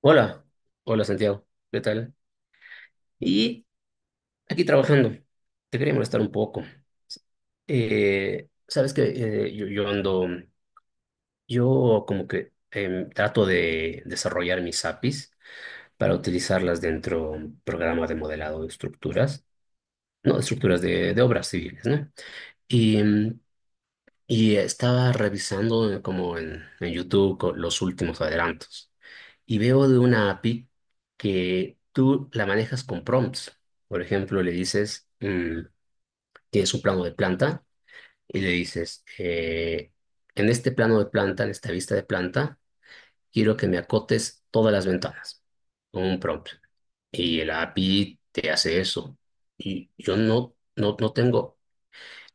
Hola, hola Santiago, ¿qué tal? Y aquí trabajando, te quería molestar un poco. Sabes que yo ando, yo como que trato de desarrollar mis APIs para utilizarlas dentro de un programa de modelado de estructuras, no, de estructuras de obras civiles, ¿no? Y, y estaba revisando como en YouTube los últimos adelantos. Y veo de una API que tú la manejas con prompts. Por ejemplo, le dices, tienes un plano de planta y le dices, en este plano de planta, en esta vista de planta, quiero que me acotes todas las ventanas con un prompt. Y el API te hace eso. Y yo no, no, no tengo.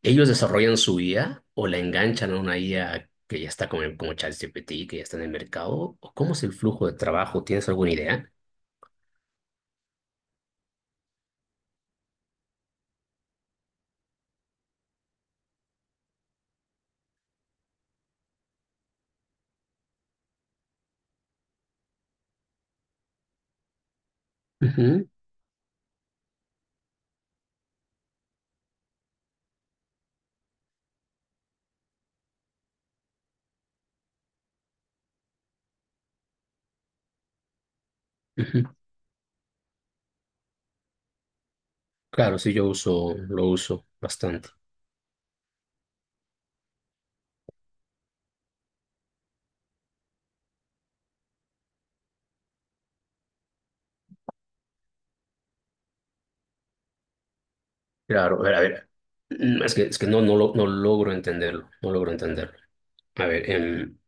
Ellos desarrollan su IA o la enganchan a una IA que ya está como ChatGPT, que ya está en el mercado. ¿O cómo es el flujo de trabajo? ¿Tienes alguna idea? Ujú. Ujú. Claro, sí, yo uso, lo uso bastante. Claro, a ver, a ver. Es que no, no, no logro entenderlo, no logro entenderlo. A ver,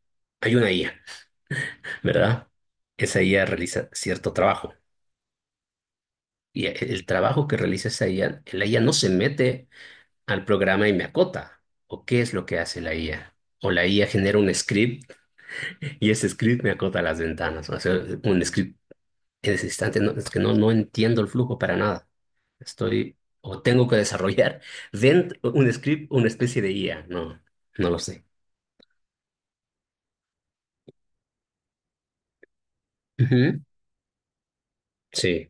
hay una IA, ¿verdad? Esa IA realiza cierto trabajo. Y el trabajo que realiza esa IA, la IA no se mete al programa y me acota. ¿O qué es lo que hace la IA? O la IA genera un script y ese script me acota las ventanas. O sea, un script en ese instante, no, es que no, no entiendo el flujo para nada. Estoy o tengo que desarrollar dentro un script, una especie de IA. No, no lo sé. Ujú. Sí,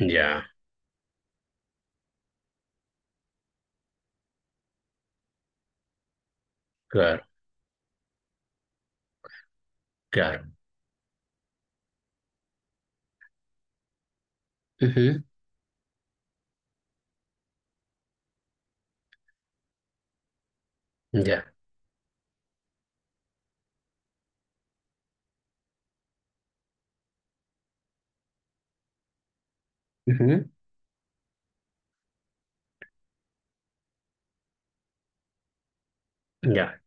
ya, claro, claro. Ujú, Ya, ujú, ya,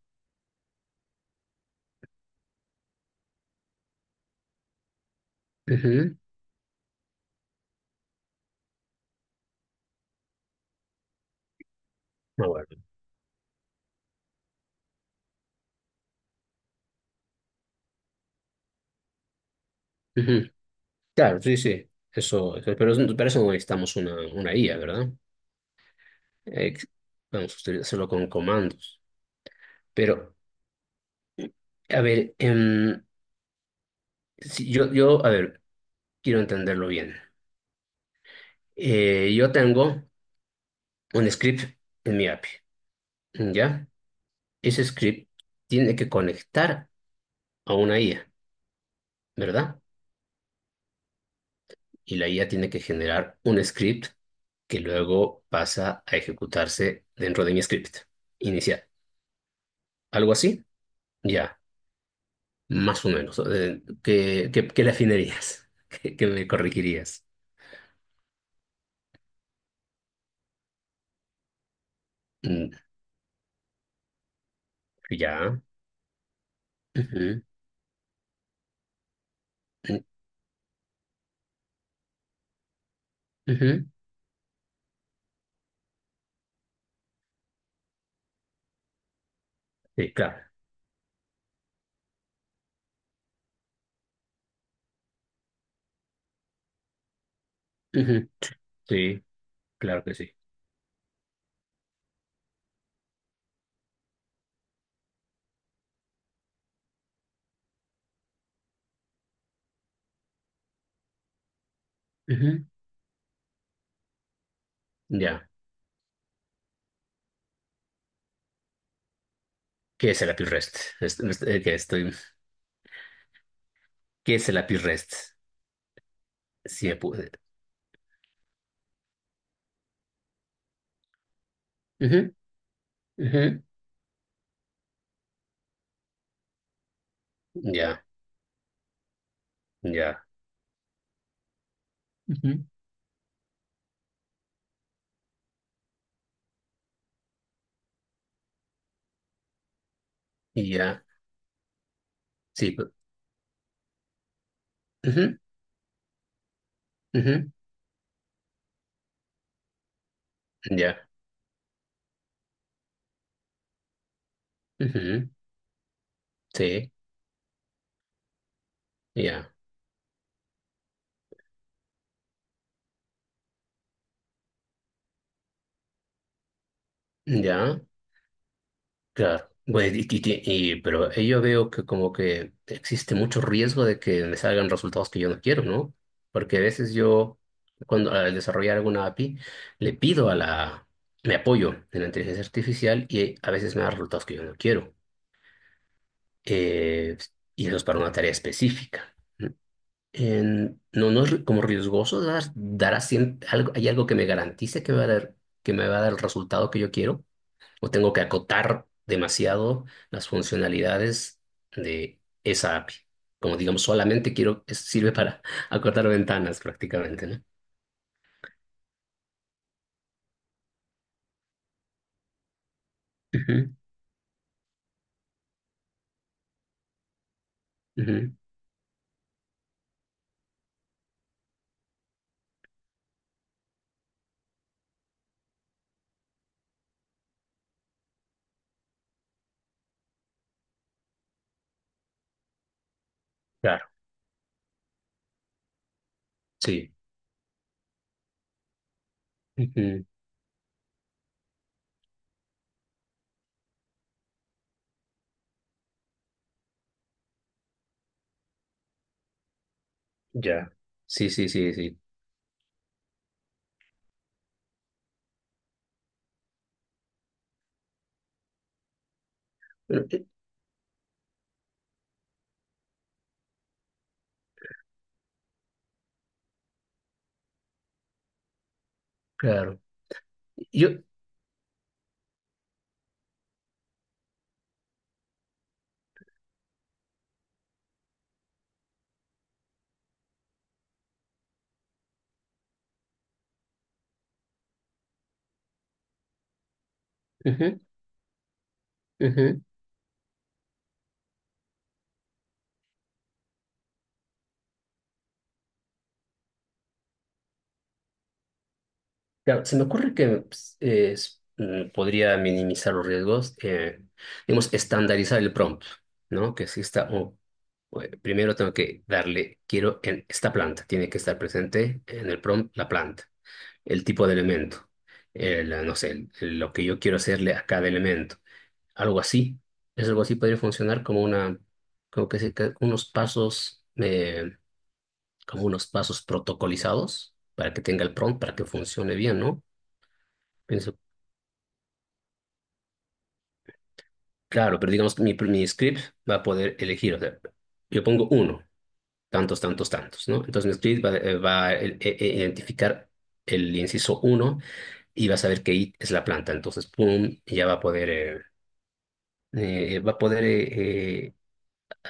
ujú, me acuerdo. Ujú. Claro, sí, sí. Eso, pero para eso no necesitamos una IA, ¿verdad? Ex- vamos a hacerlo con comandos. Pero, a ver, si yo, a ver, quiero entenderlo bien. Yo tengo un script en mi API, ¿ya? Ese script tiene que conectar a una IA, ¿verdad? Y la IA tiene que generar un script que luego pasa a ejecutarse dentro de mi script inicial. ¿Algo así? Ya, más o menos. ¿Qué le afinarías? ¿Qué me corregirías? Mm, Ya. Ujú, mm, ujú. Sí, claro. Ujú, Sí, claro que sí. Ujú, Ya. ¿Qué es el API REST? Que estoy... ¿Qué es el API REST? Si me pude. Ya, ya, Ujú. Ya. Sí, ujú, ujú, ya, ujú, sí, ya, ya, claro. Bueno, pero ahí yo veo que como que existe mucho riesgo de que me salgan resultados que yo no quiero, ¿no? Porque a veces yo, cuando al desarrollar alguna API, le pido a la, me apoyo en la inteligencia artificial y a veces me da resultados que yo no quiero. Eh, y eso es para una tarea específica. No, no es como riesgoso dar así algo, hay algo que me garantice que me va a dar, que me va a dar el resultado que yo quiero, o tengo que acotar demasiado las funcionalidades de esa API. Como digamos, solamente quiero, sirve para acortar ventanas prácticamente, ¿no? Ujú, ujú, Claro, sí. Ujú, Ya. Sí, sí, sí, sí. Pero, claro. Yo. Ujú, ujú. Claro, se me ocurre que pues, podría minimizar los riesgos, digamos, estandarizar el prompt, ¿no? Que si está, oh, bueno, primero tengo que darle, quiero en esta planta, tiene que estar presente en el prompt la planta, el tipo de elemento, el, no sé, lo que yo quiero hacerle a cada elemento, algo así. Es algo así podría funcionar como una, como que, que unos pasos, como unos pasos protocolizados para que tenga el prompt, para que funcione bien, ¿no? Pienso. Claro, pero digamos que mi script va a poder elegir, o sea, yo pongo uno, tantos, tantos, tantos, ¿no? Entonces mi script va, va a identificar el inciso uno y va a saber que it es la planta. Entonces, pum, y ya va a poder eh, eh,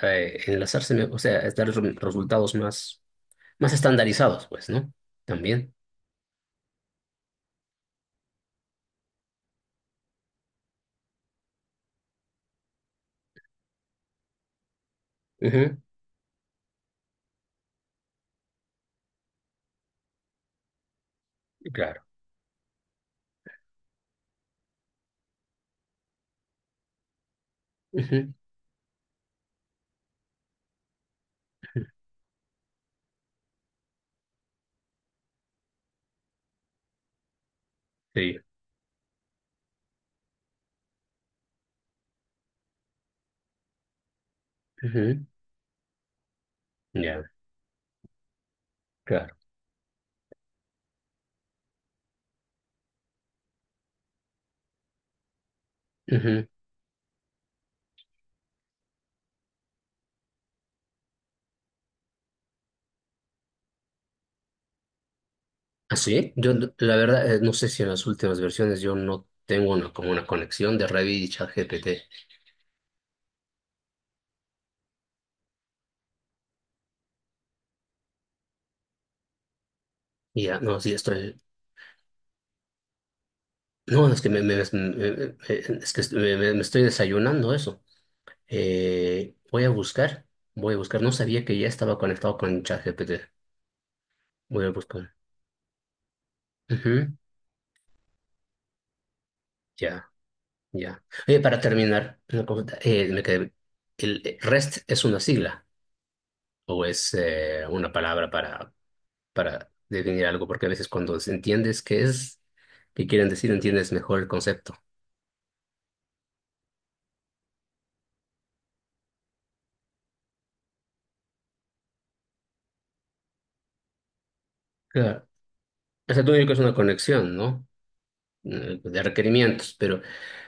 eh, enlazarse, o sea, es dar resultados más estandarizados, pues, ¿no? También. Ujú, Claro. Ujú, Sí. Ujú, Ya, claro. Ujú. Así, yo no- la verdad, no sé si en las últimas versiones yo no tengo una, como una conexión de Revit y ChatGPT. Y ya, no, sí, estoy. No, es que me, me- es que me estoy desayunando eso. Voy a buscar, voy a buscar. No sabía que ya estaba conectado con ChatGPT. Voy a buscar. Ujú, Ya, ya. Oye, para terminar, una pregunta. ¿El REST es una sigla o es una palabra para definir algo, porque a veces cuando entiendes qué es, qué quieren decir, entiendes mejor el concepto. Claro. O sea, tú me es una conexión, ¿no? De requerimientos, pero,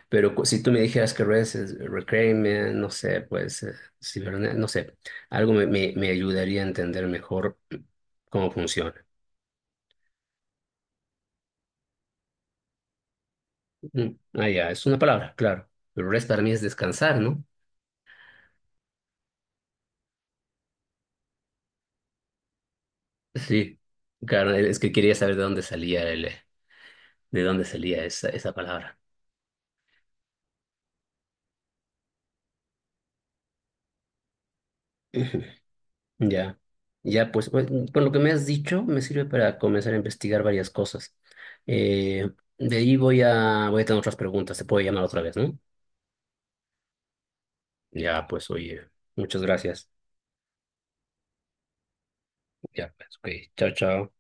si tú me dijeras que REST es requirement, no sé, pues, no sé, algo me ayudaría a entender mejor cómo funciona. Mm, Ah, ya, es una palabra, claro. Pero REST para mí es descansar, ¿no? Sí, claro, es que quería saber de dónde salía el, de dónde salía esa palabra. Ya, ya, pues, por lo que me has dicho, me sirve para comenzar a investigar varias cosas. Eh, de ahí voy a tener otras preguntas, te puedo llamar otra vez, ¿no? Ya, pues, oye, muchas gracias. Ya, pues, ok, chao, chao.